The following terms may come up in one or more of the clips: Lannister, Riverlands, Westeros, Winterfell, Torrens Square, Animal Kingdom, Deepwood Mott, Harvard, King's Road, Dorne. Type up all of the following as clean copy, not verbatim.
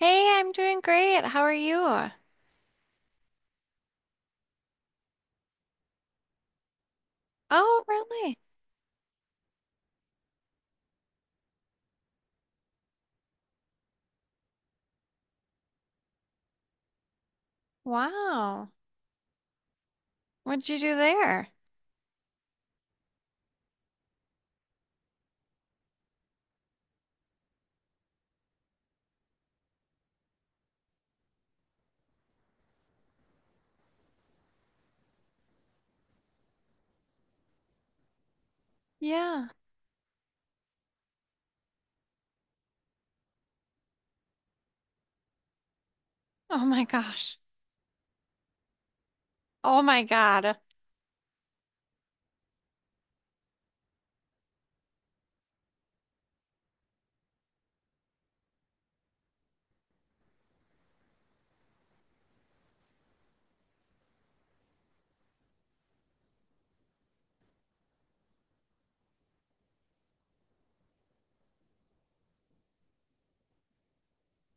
Hey, I'm doing great. How are you? Oh, really? Wow. What'd you do there? Yeah. Oh my gosh. Oh my God.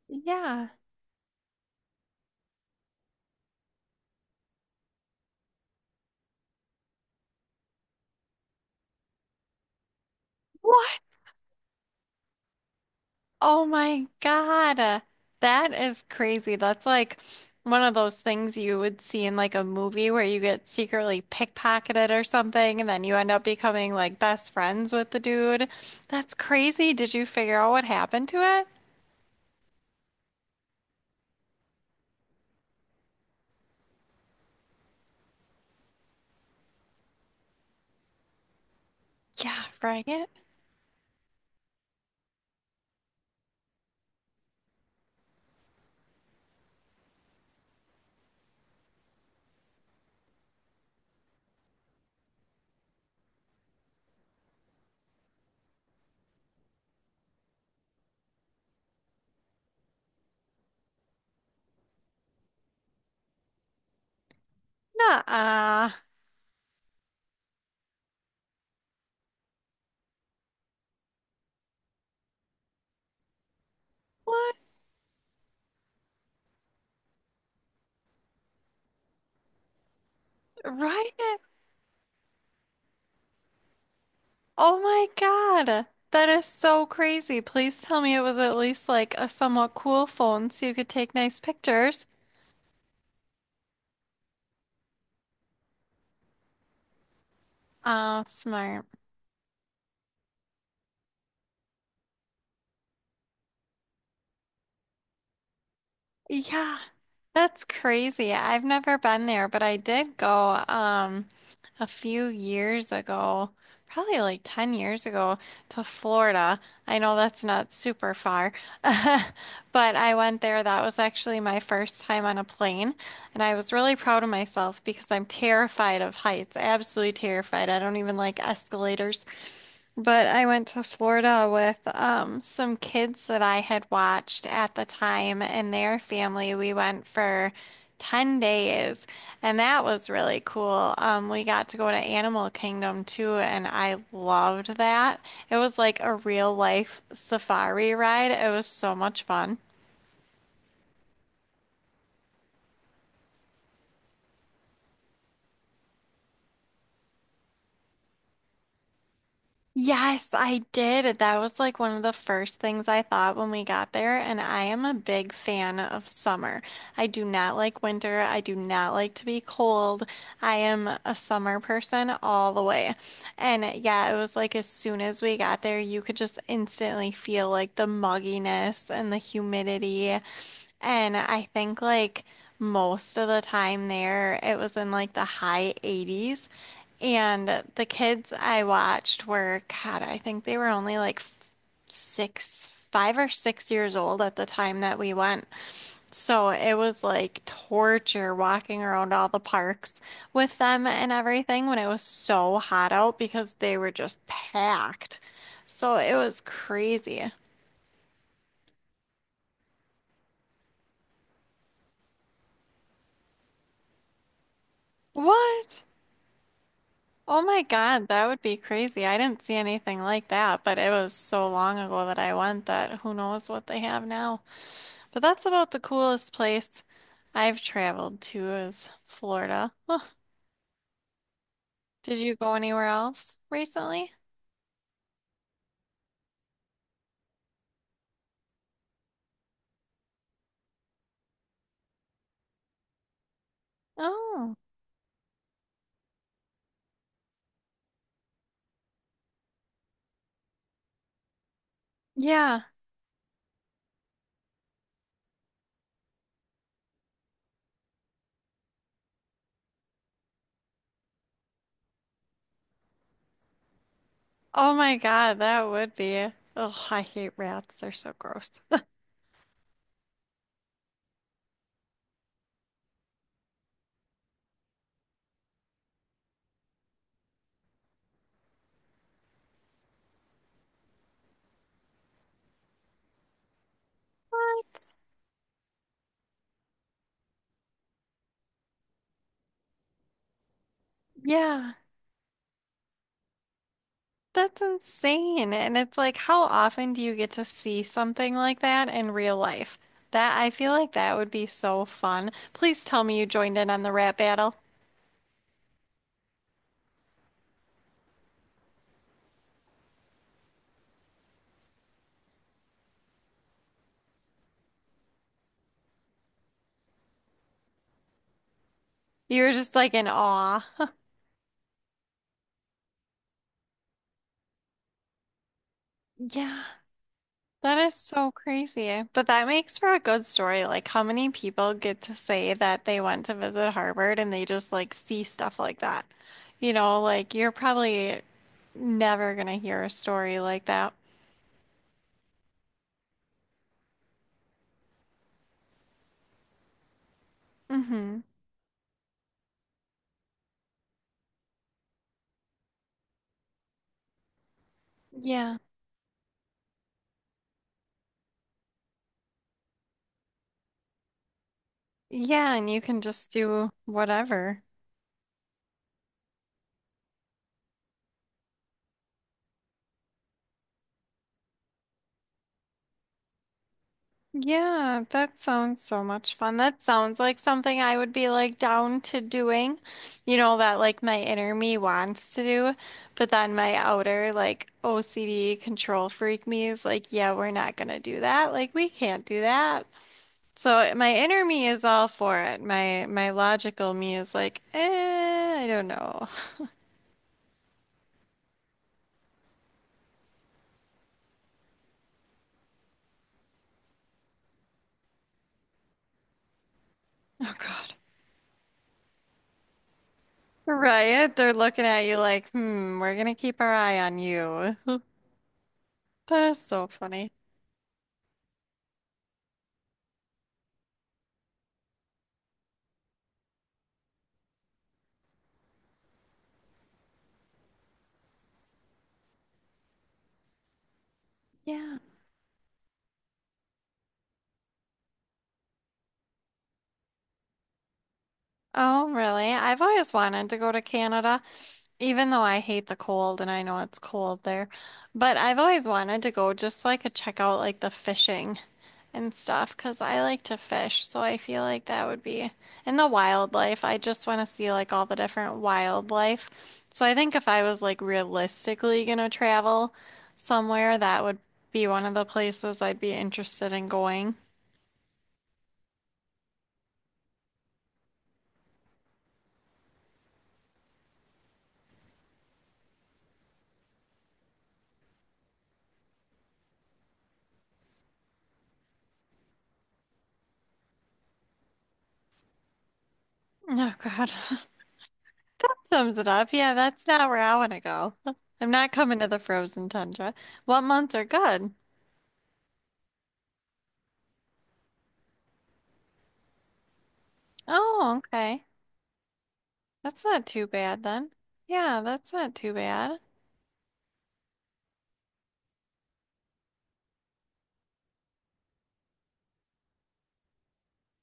Yeah. What? Oh my God. That is crazy. That's like one of those things you would see in like a movie where you get secretly pickpocketed or something, and then you end up becoming like best friends with the dude. That's crazy. Did you figure out what happened to it? Yeah, right. Nuh-uh. What? Right? Oh my God. That is so crazy. Please tell me it was at least like a somewhat cool phone so you could take nice pictures. Oh, smart. Yeah, that's crazy. I've never been there, but I did go a few years ago, probably like 10 years ago to Florida. I know that's not super far, but I went there. That was actually my first time on a plane, and I was really proud of myself because I'm terrified of heights. Absolutely terrified. I don't even like escalators. But I went to Florida with some kids that I had watched at the time and their family. We went for 10 days, and that was really cool. We got to go to Animal Kingdom too, and I loved that. It was like a real life safari ride. It was so much fun. Yes, I did. That was like one of the first things I thought when we got there. And I am a big fan of summer. I do not like winter. I do not like to be cold. I am a summer person all the way. And yeah, it was like as soon as we got there, you could just instantly feel like the mugginess and the humidity. And I think like most of the time there, it was in like the high 80s. And the kids I watched were, God, I think they were only like 5 or 6 years old at the time that we went. So it was like torture walking around all the parks with them and everything when it was so hot out because they were just packed. So it was crazy. What? Oh my God, that would be crazy. I didn't see anything like that, but it was so long ago that I went that who knows what they have now. But that's about the coolest place I've traveled to is Florida. Did you go anywhere else recently? Oh, yeah. Oh my God, that would be. Oh, I hate rats. They're so gross. What? Yeah. That's insane. And it's like, how often do you get to see something like that in real life? That I feel like that would be so fun. Please tell me you joined in on the rap battle. You were just like in awe. Yeah, that is so crazy. But that makes for a good story. Like, how many people get to say that they went to visit Harvard and they just like see stuff like that? You know, like you're probably never gonna hear a story like that. Mm-hmm. Yeah. Yeah, and you can just do whatever. Yeah, that sounds so much fun. That sounds like something I would be like down to doing. You know, that like my inner me wants to do, but then my outer like OCD control freak me is like, yeah, we're not gonna do that. Like we can't do that. So my inner me is all for it. My logical me is like, eh, I don't know. Oh God. Right, they're looking at you like, hmm, we're gonna keep our eye on you. That is so funny. Yeah. Oh, really? I've always wanted to go to Canada, even though I hate the cold and I know it's cold there. But I've always wanted to go just so I could check out like the fishing and stuff because I like to fish. So I feel like that would be in the wildlife. I just want to see like all the different wildlife. So I think if I was like realistically gonna travel somewhere, that would be one of the places I'd be interested in going. Oh, God. That sums it up. Yeah, that's not where I want to go. I'm not coming to the frozen tundra. What months are good? Oh, okay. That's not too bad then. Yeah, that's not too bad.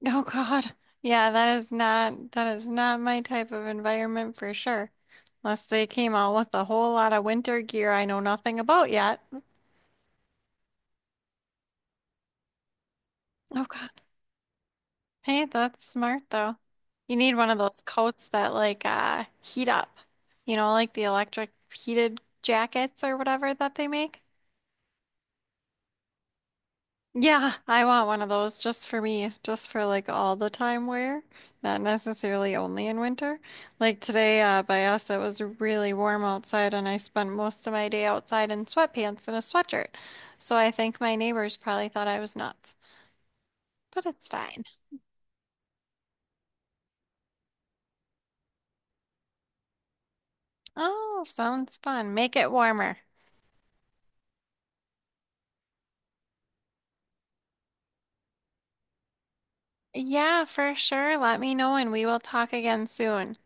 Oh God. Yeah, that is not my type of environment for sure. Unless they came out with a whole lot of winter gear I know nothing about yet. Okay. Hey, that's smart though. You need one of those coats that like heat up. You know, like the electric heated jackets or whatever that they make. Yeah, I want one of those just for me, just for like all the time wear, not necessarily only in winter. Like today by us it was really warm outside and I spent most of my day outside in sweatpants and a sweatshirt. So I think my neighbors probably thought I was nuts, but it's fine. Oh, sounds fun. Make it warmer. Yeah, for sure. Let me know and we will talk again soon.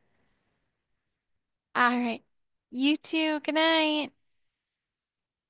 All right. You too. Good night.